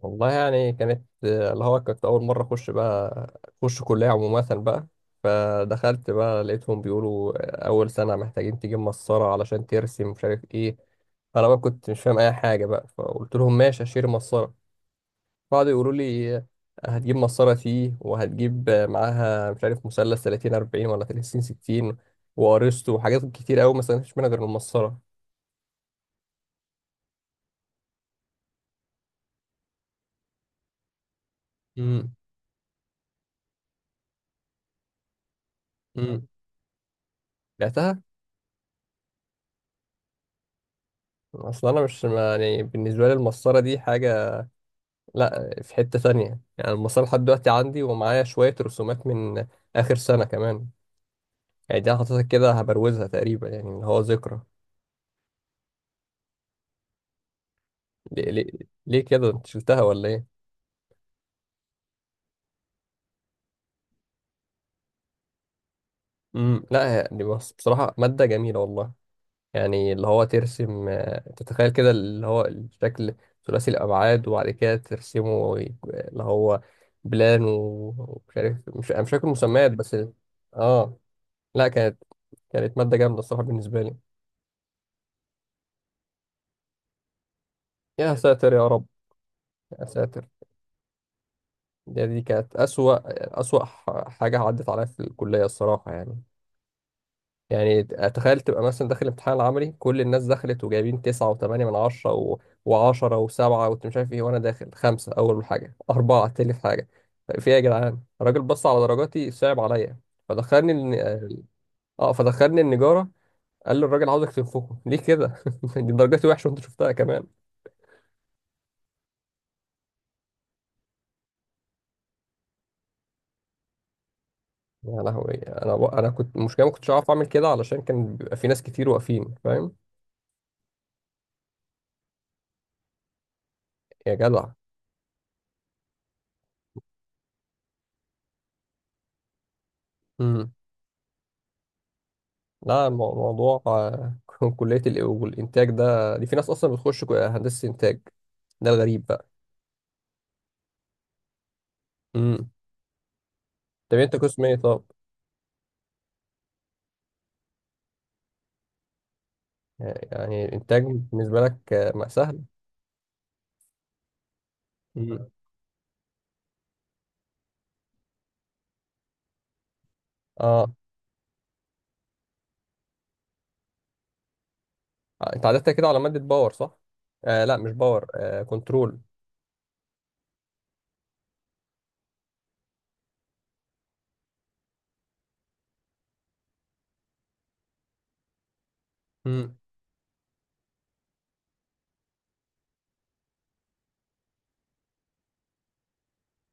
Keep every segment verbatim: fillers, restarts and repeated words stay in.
والله يعني كانت آه، اللي هو كنت أول مرة أخش بقى. أخش كلية عموما بقى. فدخلت بقى لقيتهم بيقولوا آه، أول سنة محتاجين تجيب مسطرة علشان ترسم مش عارف إيه. أنا بقى كنت مش فاهم أي حاجة بقى، فقلت لهم ماشي، هشتري مسطرة. قعدوا يقولوا لي آه، هتجيب مسطرة تي، وهتجيب آه، معاها مش عارف مثلث ثلاثين أربعين ولا ثلاثين ستين وأرسطو وحاجات كتير أوي ما استفدتش منها غير المسطرة. امم. امم. بعتها. اصل انا مش ما- يعني بالنسبه لي المسطره دي حاجه. لا، في حتة ثانية، يعني المسار لحد دلوقتي عندي، ومعايا شوية رسومات من آخر سنة كمان. يعني دي أنا حاططها كده، هبروزها تقريبا، يعني اللي هو ذكرى. ليه, ليه, ليه كده، انت شلتها ولا ايه؟ امم. لا يعني بص، بصراحة مادة جميلة والله. يعني اللي هو ترسم آه، تتخيل كده اللي هو الشكل ثلاثي الأبعاد، وبعد كده ترسمه ويك- اللي هو بلان و- ومش عارف، مش أنا مش فاكر مسميات، بس ال- اه. لا، كانت كانت مادة جامدة الصراحة بالنسبة لي. يا ساتر يا رب. يا ساتر. ده دي كانت أسوأ أسوأ ح- حاجة عدت عليا في الكلية الصراحة يعني. يعني تخيل تبقى مثلا داخل الامتحان العملي، كل الناس دخلت وجايبين تسعة وثمانية من عشرة و... وعشرة وسبعة، وأنت مش عارف إيه، وأنا داخل خمسة أول حاجة، أربعة تاني حاجة. طيب في إيه يا جدعان، الراجل بص على درجاتي، صعب عليا. فدخلني الن... آه فدخلني النجارة. قال لي الراجل عاوزك تنفخه ليه كده؟ دي درجاتي وحشة وأنت شفتها كمان. يا لهوي. أنا أنا كنت المشكلة ما كنتش عارف أعمل كده، علشان كان بيبقى في ناس كتير واقفين، فاهم. يا جدع. امم. لا، مو- موضوع آه، كلية الإ- والإنتاج ده دي في ناس أصلا بتخش كو- هندسة إنتاج. ده الغريب بقى. امم. طب أنت قسم إيه طب؟ يعني الإنتاج بالنسبة لك آه، ما سهل؟ امم. أه. أنت عدتها كده على مادة باور صح؟ آه لا مش باور، آه كنترول. امم.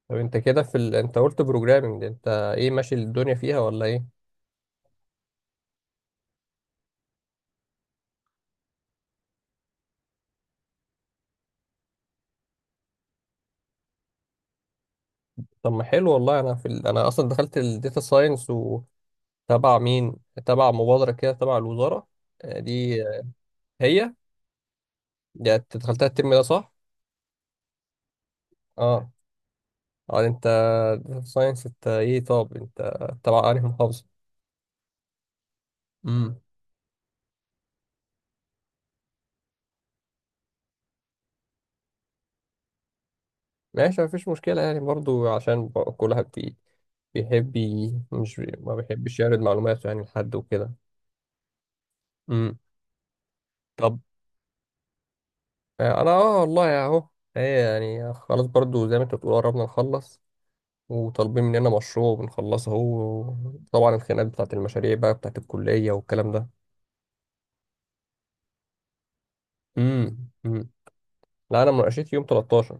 طب أنت كده في ال... أنت قلت بروجرامنج. أنت إيه، ماشي الدنيا فيها ولا إيه؟ طب ما حلو والله. أنا في ال... أنا أصلا دخلت الداتا ساينس وتبع مين؟ تبع مبادرة كده تبع الوزارة. آه، دي آه، هي. يعني انت دخلتها الترم ده صح؟ اه. اه، انت، داتا ساينس، انت ايه، طب انت تبع انهي محافظة؟ امم. ماشي، مفيش مشكلة يعني برضو، عشان ب- كل واحد بي- بيحب ي- مش بي- ما بيحبش يعرض معلوماته يعني لحد وكده. امم. طب آه، انا اه والله اهو. ايه يعني، خلاص، برضو زي ما انت بتقول، قربنا نخلص، وطالبين مننا مشروع بنخلصه اهو. طبعا الخناقات بتاعت المشاريع بقى، بتاعت الكلية والكلام ده. امم. لا انا مناقشتي يوم تلتاشر.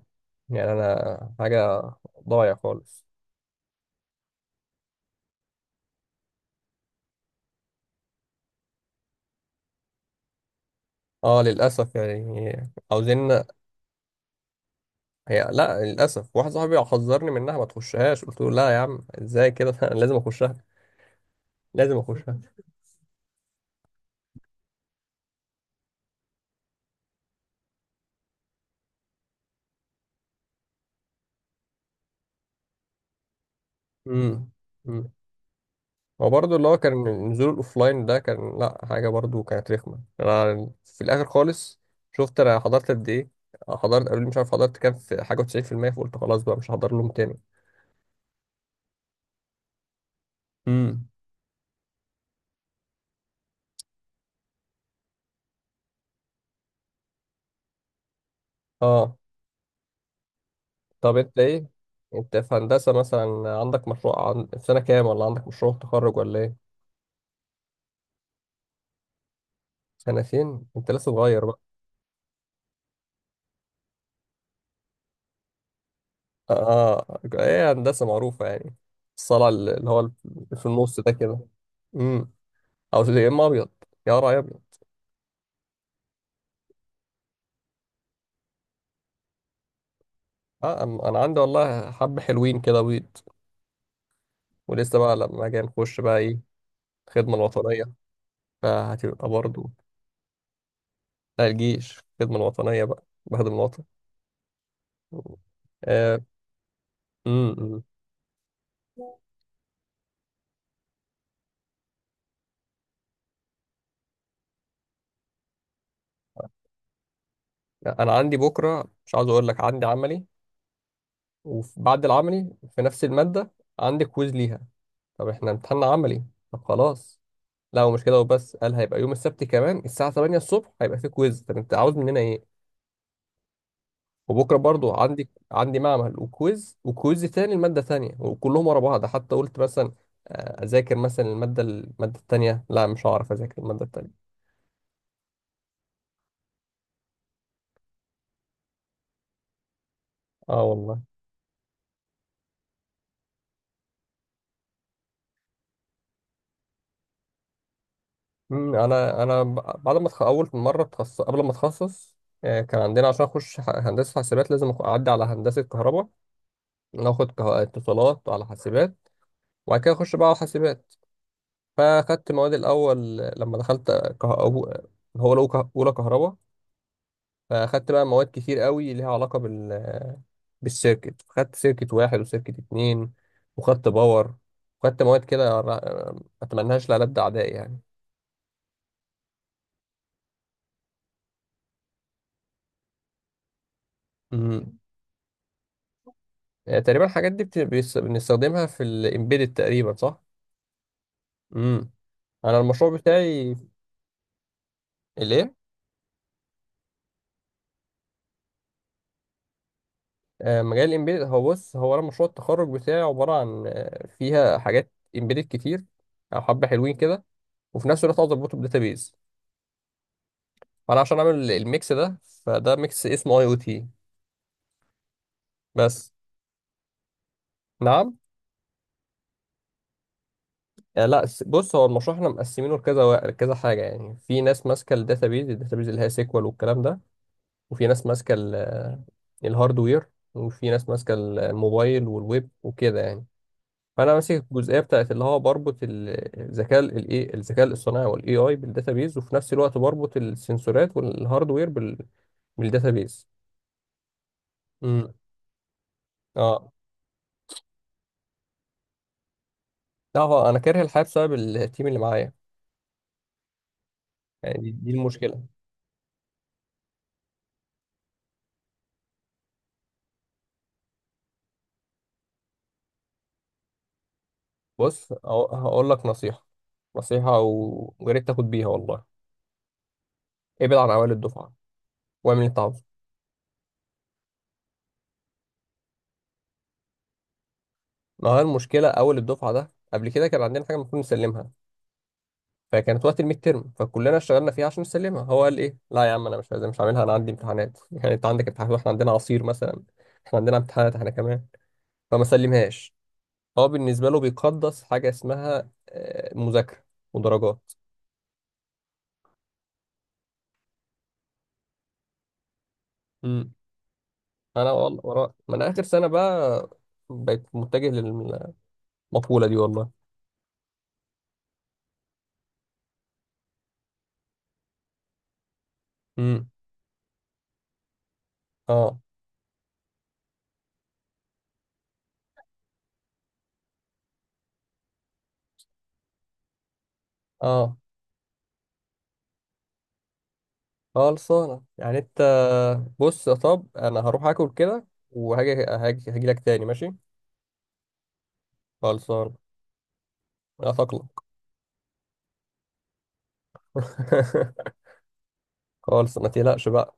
يعني انا حاجه ضايع خالص. اه، للاسف يعني. عاوزين. هي، لا، للاسف واحد صاحبي حذرني منها، ما تخشهاش، قلت له لا يا عم، ازاي كده؟ انا لازم اخشها. لازم اخشها. امم. امم. هو برضه اللي هو كان نزول الاوفلاين ده كان، لا حاجه برضه كانت رخمه. انا في الاخر خالص، شفت انا حضرت قد ايه؟ حضرت، قالوا لي مش عارف حضرت كام في حاجه و90%، فقلت خلاص بقى مش هحضر لهم تاني. امم. اه. طب انت ايه، انت في هندسة مثلا عندك مشروع عن... في سنة كام ولا عندك مشروع تخرج ولا ايه؟ سنتين؟ انت لسه صغير بقى. اه. آه، ايه هندسة معروفة يعني، الصلع اللي هو في النص ده كده. امم. او يا اما ابيض. يا راعي ابيض. اه، أم- انا عندي والله حبة حلوين كده بيض. ولسه بقى لما اجي نخش بقى ايه، الخدمة الوطنية، فهتبقى برضو. لا، الجيش، الخدمة الوطنية بقى، بخدم الوطن. آه. امم. انا عندي بكره، مش عاوز اقول لك، عندي عملي، وبعد العملي في نفس الماده عندي كويز ليها. طب احنا امتحان عملي؟ طب خلاص. لا ومش كده وبس، قال هيبقى يوم السبت كمان الساعه ثمانية الصبح هيبقى في كويز، طب انت عاوز مننا ايه؟ وبكره برضو عندي عندي معمل وكويز وكويز تاني الماده تانية، وكلهم ورا بعض، حتى قلت مثلا آه، اذاكر مثلا الماده الماده التانية، لا مش هعرف اذاكر الماده التانية. اه والله. مم، انا انا ب- بعد ما اتخ- اول مره اتخصص، قبل ما اتخصص آه، كان عندنا عشان اخش ح- هندسه حاسبات لازم أخ- اعدي على هندسه كهرباء، ناخد كه- اتصالات على حاسبات، وبعد كده اخش بقى على حاسبات. فاخدت مواد الاول آه، لما دخلت كه... أو- هو لو كه- اولى كهرباء، فاخدت بقى مواد كتير قوي ليها علاقه بال... بالسيركت، خدت سيركت واحد وسيركت اتنين، وخدت باور، وخدت مواد كده ر- آه، ما اتمناهاش لألد اعدائي. يعني، يعني تقريبا الحاجات دي بت- بيس- بنستخدمها في الامبيدد تقريبا صح؟ امم. انا المشروع بتاعي. الايه؟ آه، مجال الامبيدد، هو بص، هو انا مشروع التخرج بتاعي عباره عن آه، فيها حاجات امبيدد كتير، او حبه حلوين كده، وفي نفس الوقت عاوز اربطه بداتابيز، فانا عشان اعمل الميكس ده، فده ميكس اسمه اي او تي. بس. نعم. آه، لا س- بص هو المشروع احنا مقسمينه لكذا وا- لكذا حاجه، يعني في ناس ماسكه الداتابيز الداتابيز اللي هي سيكوال والكلام ده، وفي ناس ماسكة ال- الهاردوير، وفي ناس ماسكة الموبايل والويب وكده يعني. فأنا ماسك الجزئية بتاعت اللي هو بربط ال- الذكاء الاي الذكاء الاصطناعي والاي اي بالداتابيز، وفي نفس الوقت بربط السنسورات والهاردوير بال بالداتابيز. امم. اه، لا هو انا كاره الحياة بسبب التيم اللي معايا. يعني دي, دي المشكلة. بص، أهو- هقول لك نصيحة، نصيحة و- ويا ريت تاخد بيها والله، ابعد عن أوائل الدفعة واعمل اللي أنت عاوزه. ما هو المشكلة أول الدفعة ده، قبل كده كان عندنا حاجة المفروض نسلمها، فكانت وقت الميد ترم، فكلنا اشتغلنا فيها عشان نسلمها، هو قال ايه، لا يا عم انا مش عايز، مش عاملها، انا عندي امتحانات. يعني انت عندك امتحانات واحنا عندنا عصير مثلا؟ احنا عندنا امتحانات احنا كمان. فما سلمهاش. هو بالنسبه له بيقدس حاجه اسمها آه، مذاكره ودرجات. امم. انا والله، ورا ما انا اخر سنه بقى، بقيت متجه للمقوله دي والله. امم. اه. اه، خلصانه يعني انت. بص يا طب، انا هروح اكل كده وهاجي هاجي هاجي لك تاني، ماشي؟ خلصانه. هتقلق. خالص، ما تقلقش بقى.